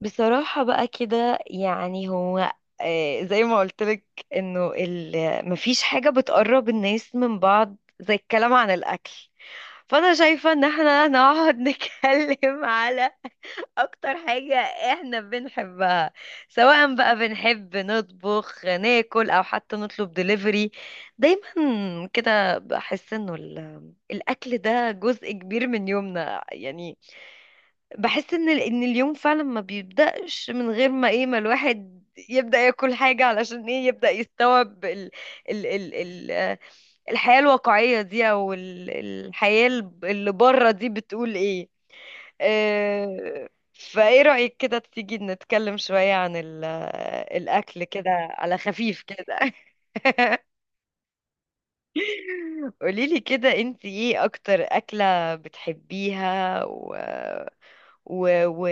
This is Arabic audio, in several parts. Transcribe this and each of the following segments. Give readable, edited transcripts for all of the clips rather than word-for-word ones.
بصراحة بقى كده يعني هو زي ما قلتلك انه مفيش حاجة بتقرب الناس من بعض زي الكلام عن الأكل. فأنا شايفة ان احنا نقعد نتكلم على اكتر حاجة احنا بنحبها، سواء بقى بنحب نطبخ ناكل او حتى نطلب دليفري. دايما كده بحس انه الاكل ده جزء كبير من يومنا يعني. بحس ان ان اليوم فعلا ما بيبدأش من غير ما ما الواحد يبدأ ياكل حاجة علشان يبدأ يستوعب ال ال ال ال آه، الحياة الواقعية دي او الحياة اللي بره دي بتقول ايه. آه، فايه رأيك كده تيجي نتكلم شوية عن الأكل كده على خفيف كده؟ قوليلي كده، انت ايه اكتر أكلة بتحبيها و... و... و...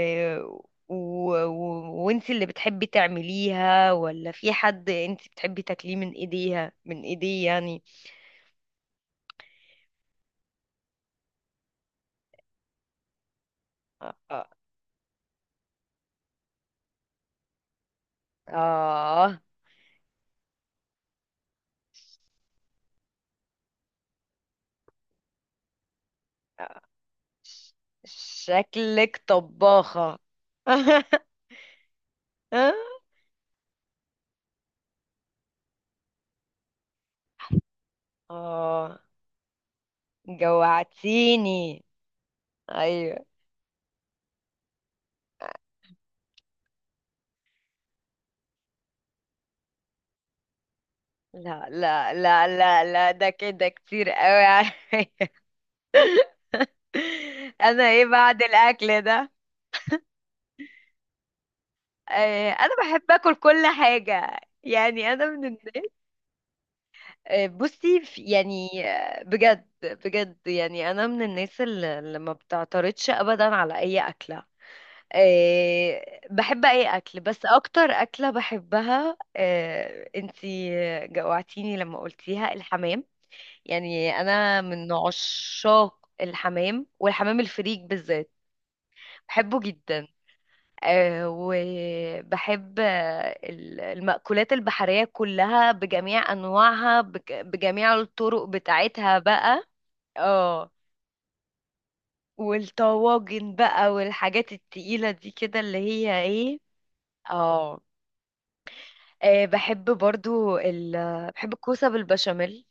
و... و... وانت اللي بتحبي تعمليها، ولا في حد انت بتحبي تاكليه من ايديها، من ايديه يعني؟ اه. اه. آه. ش- شكلك طباخة. اه، جوعتيني. ايوه. لا، ده كده كتير قوي عليا. انا ايه بعد الاكل ده؟ انا بحب اكل كل حاجه يعني، انا من الناس. بصي يعني بجد بجد، يعني انا من الناس اللي ما بتعترضش ابدا على اي اكله. بحب اي اكل، بس اكتر اكله بحبها انتي جوعتيني لما قلتيها، الحمام. يعني انا من عشاق الحمام، والحمام الفريك بالذات. بحبه جدا. أه، وبحب المأكولات البحرية كلها بجميع أنواعها، بجميع الطرق بتاعتها بقى. اه، والطواجن بقى، والحاجات التقيلة دي كده اللي هي ايه. اه. بحب برضو بحب الكوسة بالبشاميل.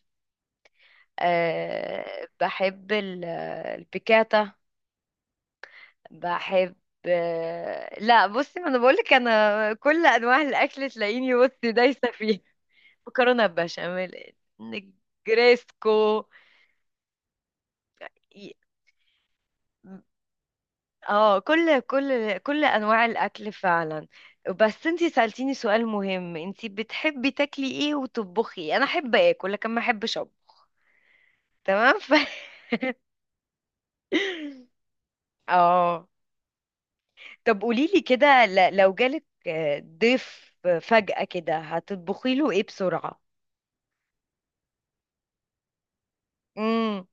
أه، بحب البيكاتا. بحب. لا بصي، ما انا بقولك، انا كل انواع الاكل تلاقيني بصي دايسه فيه. مكرونه بشاميل، نجريسكو. ي- اه، كل انواع الاكل فعلا. بس انتي سألتيني سؤال مهم، انتي بتحبي تاكلي ايه وتطبخي إيه؟ انا احب اكل لكن ما احبش اطبخ. تمام. اه. طب قوليلي كده، لو جالك ضيف فجأة كده، هتطبخي له ايه بسرعة؟ امم.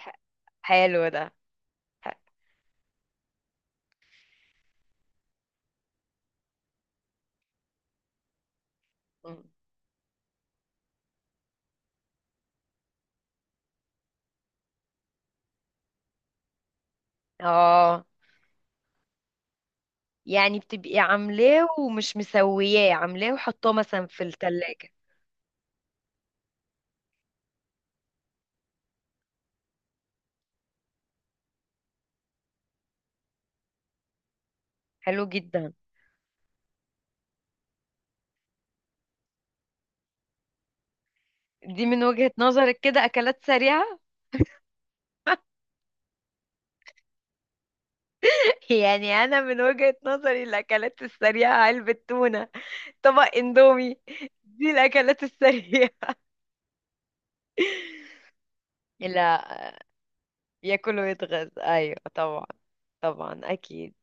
ح- حلو ده. ح- مم. اه، يعني بتبقي عاملاه ومش مسوياه، عاملاه وحطاه مثلا في التلاجة. حلو جدا. دي من وجهة نظرك كده أكلات سريعة؟ يعني أنا من وجهة نظري الأكلات السريعة علبة تونة، طبق اندومي، دي الأكلات السريعة. لا، ياكل ويتغذى، أيوة طبعا. طبعا أكيد.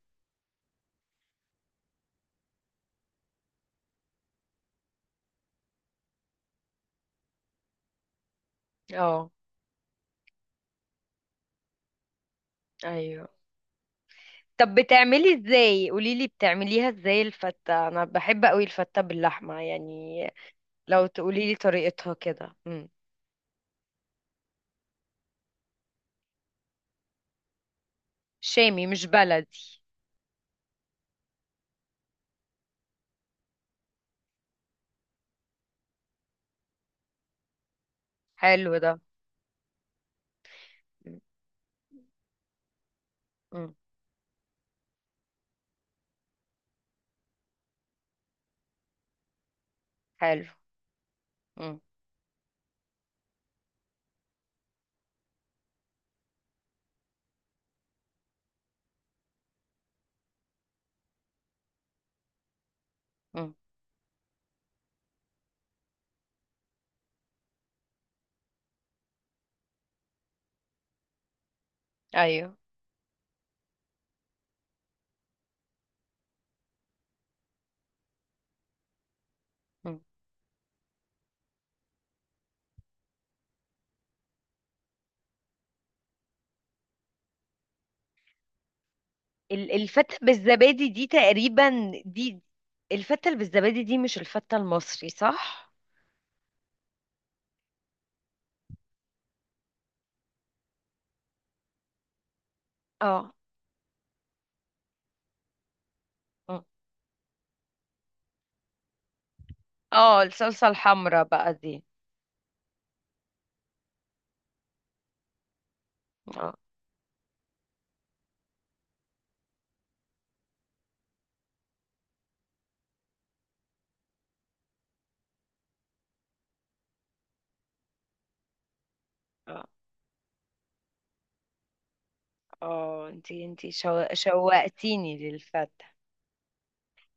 اه. أيوة. طب بتعملي ازاي، قوليلي بتعمليها ازاي الفتة؟ انا بحب قوي الفتة باللحمة يعني. لو تقوليلي طريقتها كده. مم. شامي مش بلدي. حلو ده. مم. مم. حلو. مم. مم. ايوه. مم. الفتة بالزبادي دي تقريبا، دي الفتة اللي بالزبادي دي مش الفتة المصري صح؟ اه. مم. اه، الصلصة الحمراء بقى دي. اه. اه. اه، انتي انتي شوقتيني للفتة.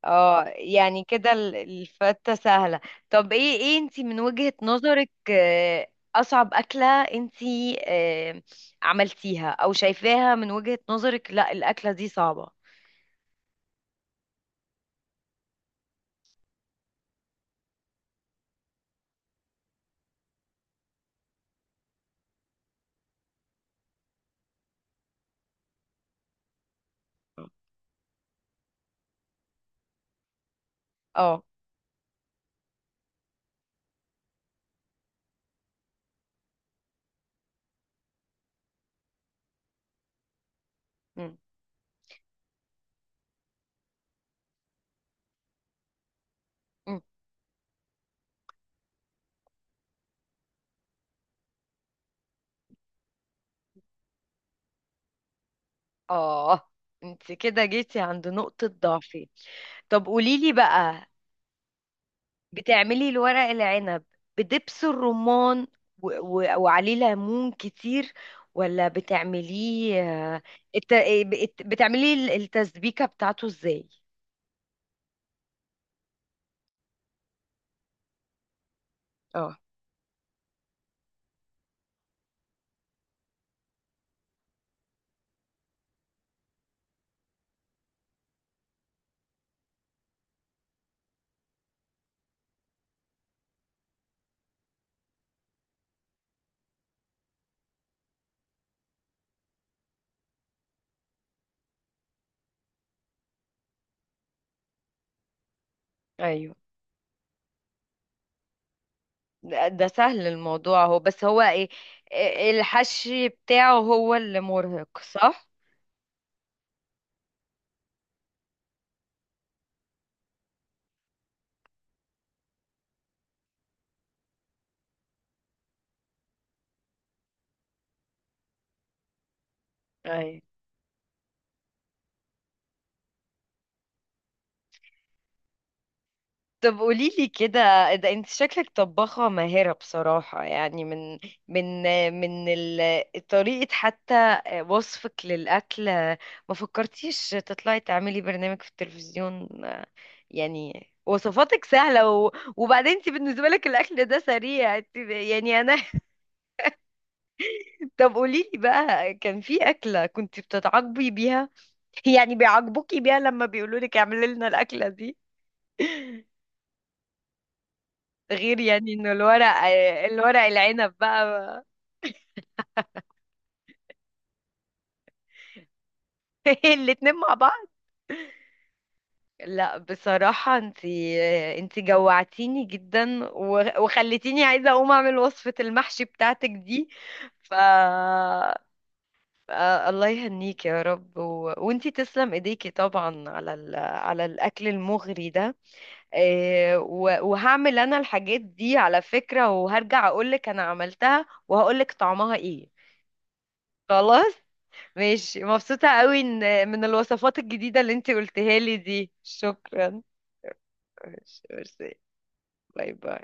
اه، يعني كده الفتة سهلة. طب ايه ايه انتي من وجهة نظرك اصعب اكلة انتي عملتيها، او شايفاها من وجهة نظرك لا الاكلة دي صعبة؟ اه. مم. مم. اه، انت كده جيتي عند نقطة ضعفي. طب قوليلي بقى، بتعملي الورق العنب بدبس الرمان و... و... وعليه ليمون كتير، ولا بتعمليه آه، الت... بتعمليه التسبيكة بتاعته ازاي؟ اه. ايوه. ده ده سهل الموضوع، هو بس هو ايه؟ إيه- الحشي بتاعه هو اللي مرهق صح؟ ايوه. طب قولي لي كده، ده انت شكلك طباخة ماهرة بصراحة، يعني من من طريقة حتى وصفك للأكل، ما فكرتيش تطلعي تعملي برنامج في التلفزيون؟ يعني وصفاتك سهلة وبعدين انت بالنسبة لك الأكل ده سريع، يعني أنا. طب قولي لي بقى، كان في أكلة كنت بتتعاقبي بيها، يعني بيعاقبوكي بيها لما بيقولوا لك اعملي لنا الأكلة، غير يعني انه الورق، الورق العنب بقى؟ الاتنين مع بعض. لا بصراحة، انتي انتي جوعتيني جدا، وخلتيني عايزة اقوم اعمل وصفة المحشي بتاعتك دي. ف الله يهنيك يا رب، وانتي تسلم ايديكي طبعا على على الاكل المغري ده. وهعمل انا الحاجات دي على فكرة، وهرجع اقولك انا عملتها وهقولك طعمها ايه. خلاص. ماشي، مبسوطة قوي ان من الوصفات الجديدة اللي انتي قلتها لي دي. شكرا. ماشي، ميرسي. باي باي.